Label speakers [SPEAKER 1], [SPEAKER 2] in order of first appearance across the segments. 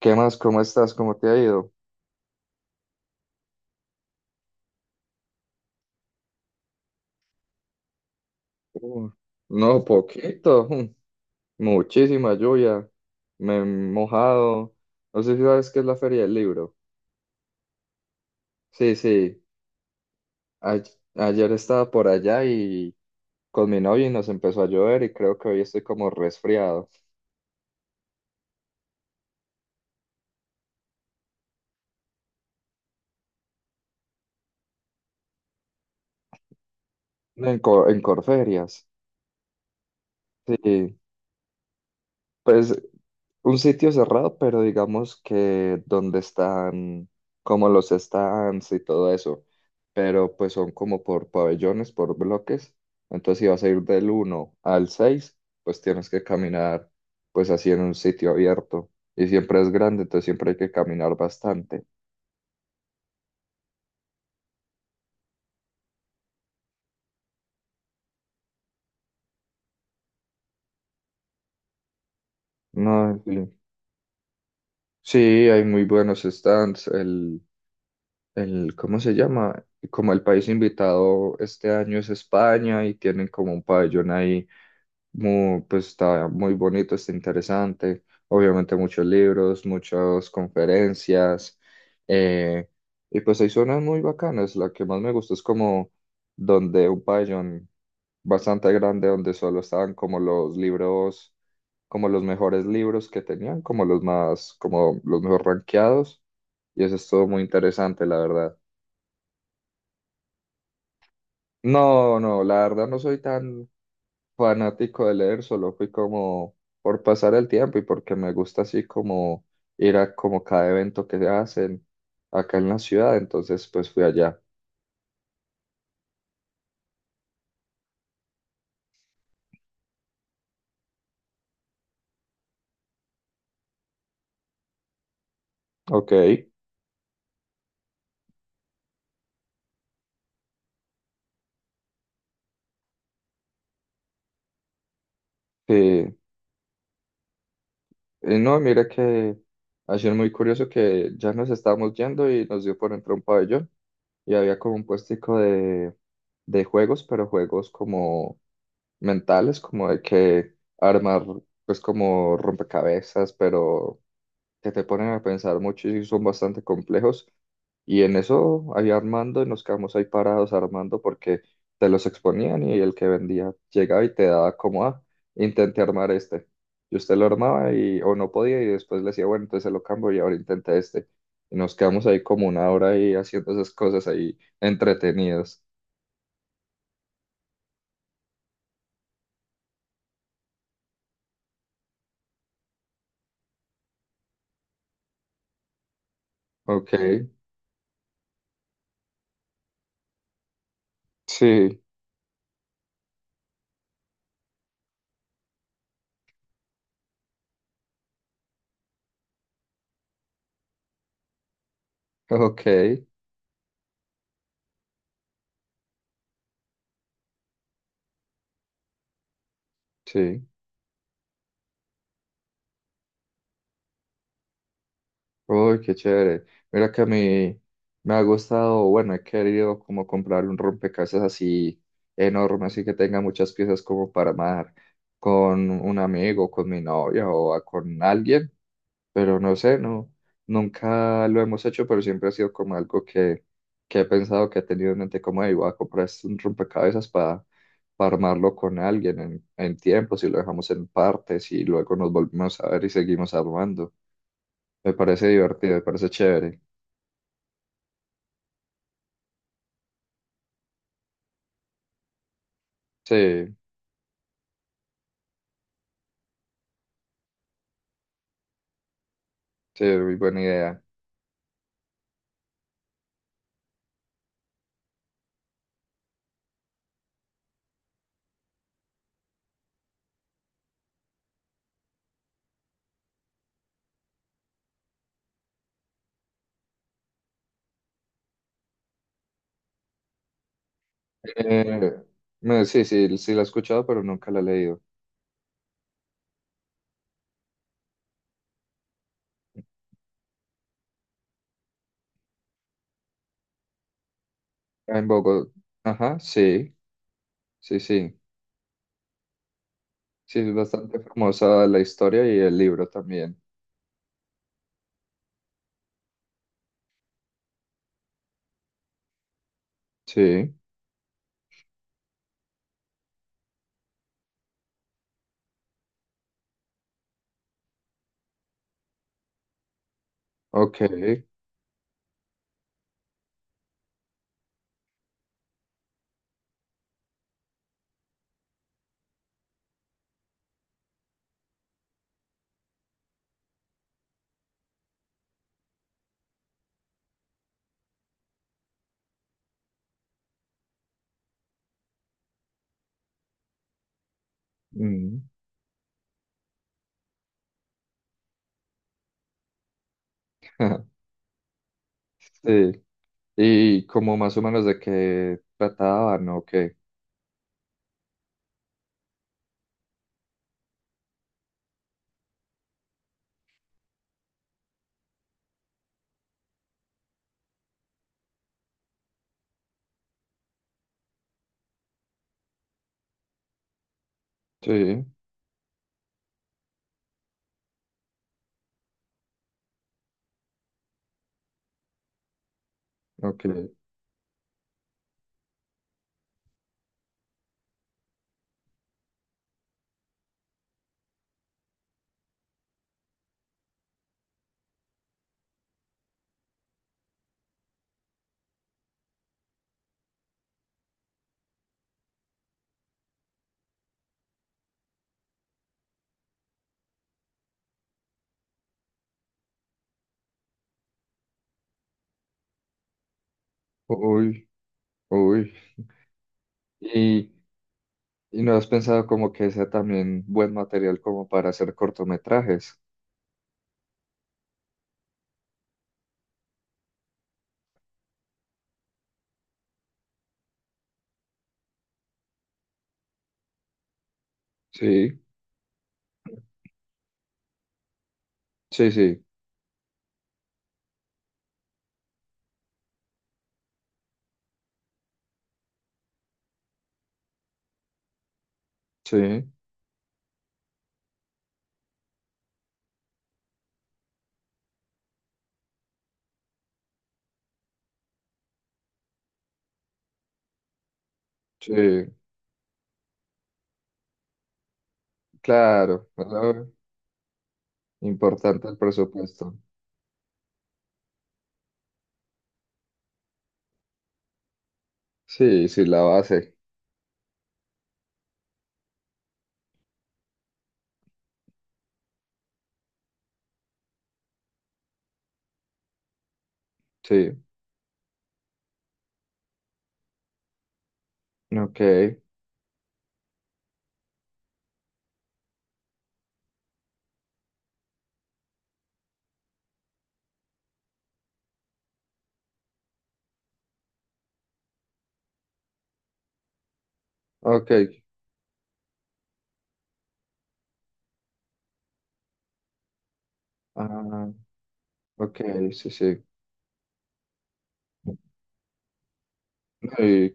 [SPEAKER 1] ¿Qué más? ¿Cómo estás? ¿Cómo te ha ido? Uh, no, poquito. Muchísima lluvia. Me he mojado. No sé si sabes qué es la Feria del Libro. Sí, sí. ay- Ayer estaba por allá y con mi novia y nos empezó a llover y creo que hoy estoy como resfriado. En Corferias. Sí. Pues un sitio cerrado, pero digamos que donde están como los stands y todo eso, pero pues son como por pabellones, por bloques. Entonces si vas a ir del uno al 6 pues tienes que caminar pues así en un sitio abierto y siempre es grande, entonces siempre hay que caminar bastante. No, en fin. Sí, hay muy buenos stands. El, ¿cómo se llama? Como el país invitado este año es España y tienen como un pabellón ahí, muy, pues está muy bonito, está interesante. Obviamente muchos libros, muchas conferencias. eh, y pues hay zonas muy bacanas. La que más me gusta es como donde un pabellón bastante grande, donde solo estaban como los libros, como los mejores libros que tenían, como los más, como los mejor rankeados y eso estuvo muy interesante, la verdad. No, no, la verdad no soy tan fanático de leer, solo fui como por pasar el tiempo y porque me gusta así como ir a como cada evento que se hacen acá en la ciudad, entonces pues fui allá. Ok, sí. Y no, mira que ha sido muy curioso que ya nos estábamos yendo y nos dio por entrar a un pabellón y había como un puestico de juegos, pero juegos como mentales, como de que armar, pues como rompecabezas, pero que te ponen a pensar mucho y son bastante complejos. Y en eso ahí armando y nos quedamos ahí parados armando porque te los exponían y el que vendía llegaba y te daba como, ah, intenté armar este. Y usted lo armaba y, o no podía y después le decía, bueno, entonces se lo cambio y ahora intenta este. Y nos quedamos ahí como una hora ahí haciendo esas cosas ahí entretenidos. Ok, sí, ok, sí. Uy, qué chévere. Mira que a mí me ha gustado, bueno, he querido como comprar un rompecabezas así enorme, así que tenga muchas piezas como para armar con un amigo, con mi novia o con alguien, pero no sé, no, nunca lo hemos hecho, pero siempre ha sido como algo que he pensado, que he tenido en mente como, "Ey, voy a comprar un rompecabezas para armarlo con alguien en tiempo, si lo dejamos en partes y luego nos volvemos a ver y seguimos armando. Me parece divertido, me parece chévere. Sí, sí, muy buena idea. Eh, no, sí, sí, sí la he escuchado, pero nunca la he leído. Ah, en Bogotá, ajá, sí, sí, sí. Sí, es bastante famosa la historia y el libro también. Sí, ok. Mm, sí, y como más o menos de qué trataban, ok. Sí, ok. Uy, uy. ¿Y, y no has pensado como que sea también buen material como para hacer cortometrajes? Sí, sí, sí, sí, sí, claro, ¿verdad? Importante el presupuesto. Sí, sí, la base, sí, ok, ok, ah, ok, sí, sí, y-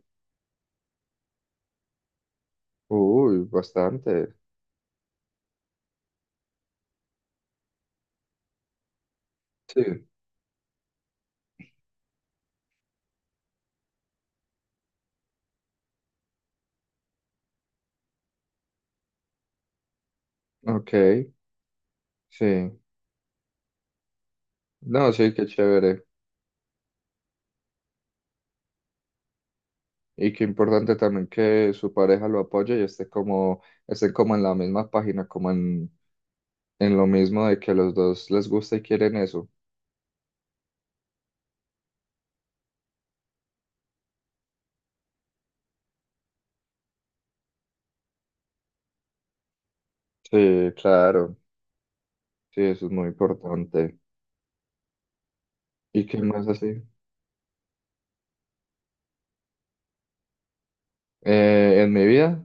[SPEAKER 1] uy, bastante, sí, ok, sí, no, sí, qué chévere, y qué importante también que su pareja lo apoye y esté como en la misma página, como en lo mismo de que los dos les gusta y quieren eso. Sí, claro, sí, eso es muy importante. ¿Y qué más así? En mi vida,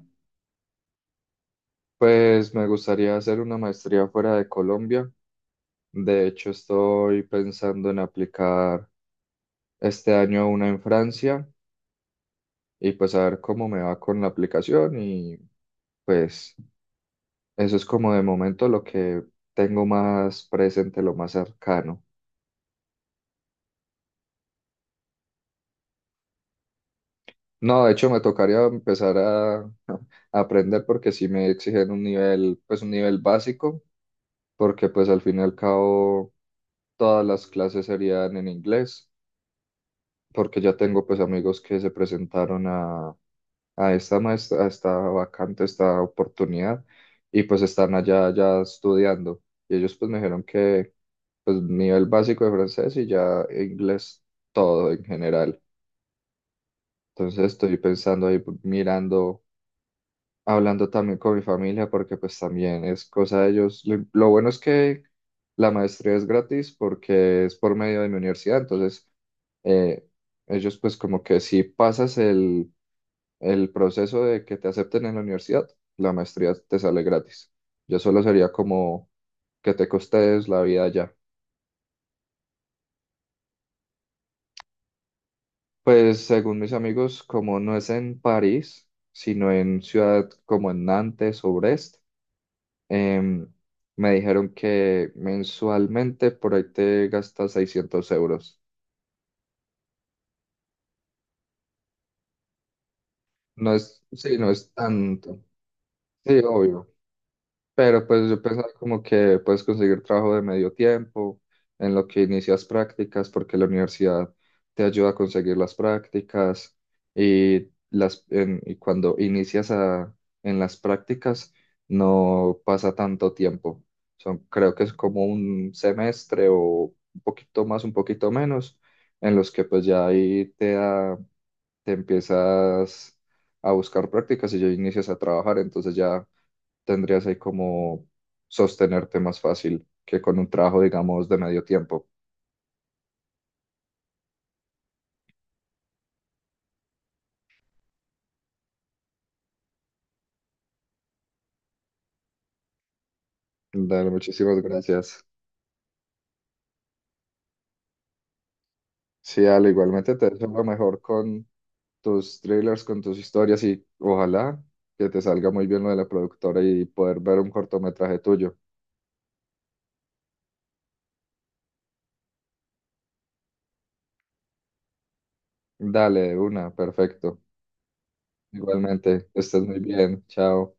[SPEAKER 1] pues me gustaría hacer una maestría fuera de Colombia. De hecho, estoy pensando en aplicar este año una en Francia y pues a ver cómo me va con la aplicación y pues eso es como de momento lo que tengo más presente, lo más cercano. No, de hecho me tocaría empezar a aprender porque sí me exigen un nivel, pues un nivel básico, porque pues al fin y al cabo todas las clases serían en inglés, porque ya tengo pues amigos que se presentaron a esta maestra, a esta vacante, esta oportunidad, y pues están allá ya estudiando. Y ellos pues me dijeron que pues nivel básico de francés y ya inglés todo en general. Entonces estoy pensando ahí, pues, mirando, hablando también con mi familia, porque pues también es cosa de ellos. Lo bueno es que la maestría es gratis porque es por medio de mi universidad, entonces eh, ellos pues como que si pasas el proceso de que te acepten en la universidad, la maestría te sale gratis. Yo solo sería como que te costees la vida allá. Pues según mis amigos, como no es en París, sino en ciudad como en Nantes o Brest, em, me dijeron que mensualmente por ahí te gastas 600 euros. No es, sí, no es tanto. Sí, obvio. Pero pues yo pensaba como que puedes conseguir trabajo de medio tiempo en lo que inicias prácticas, porque la universidad te ayuda a conseguir las prácticas y cuando en las prácticas no pasa tanto tiempo. Son, creo que es como un semestre o un poquito más, un poquito menos, en los que pues ya ahí te empiezas a buscar prácticas y ya inicias a trabajar, entonces ya tendrías ahí como sostenerte más fácil que con un trabajo, digamos, de medio tiempo. Dale, muchísimas gracias. Sí, Ale, igualmente te deseo lo mejor con tus thrillers, con tus historias y ojalá que te salga muy bien lo de la productora y poder ver un cortometraje tuyo. Dale, de una, perfecto. Igualmente, que estés muy bien. Chao.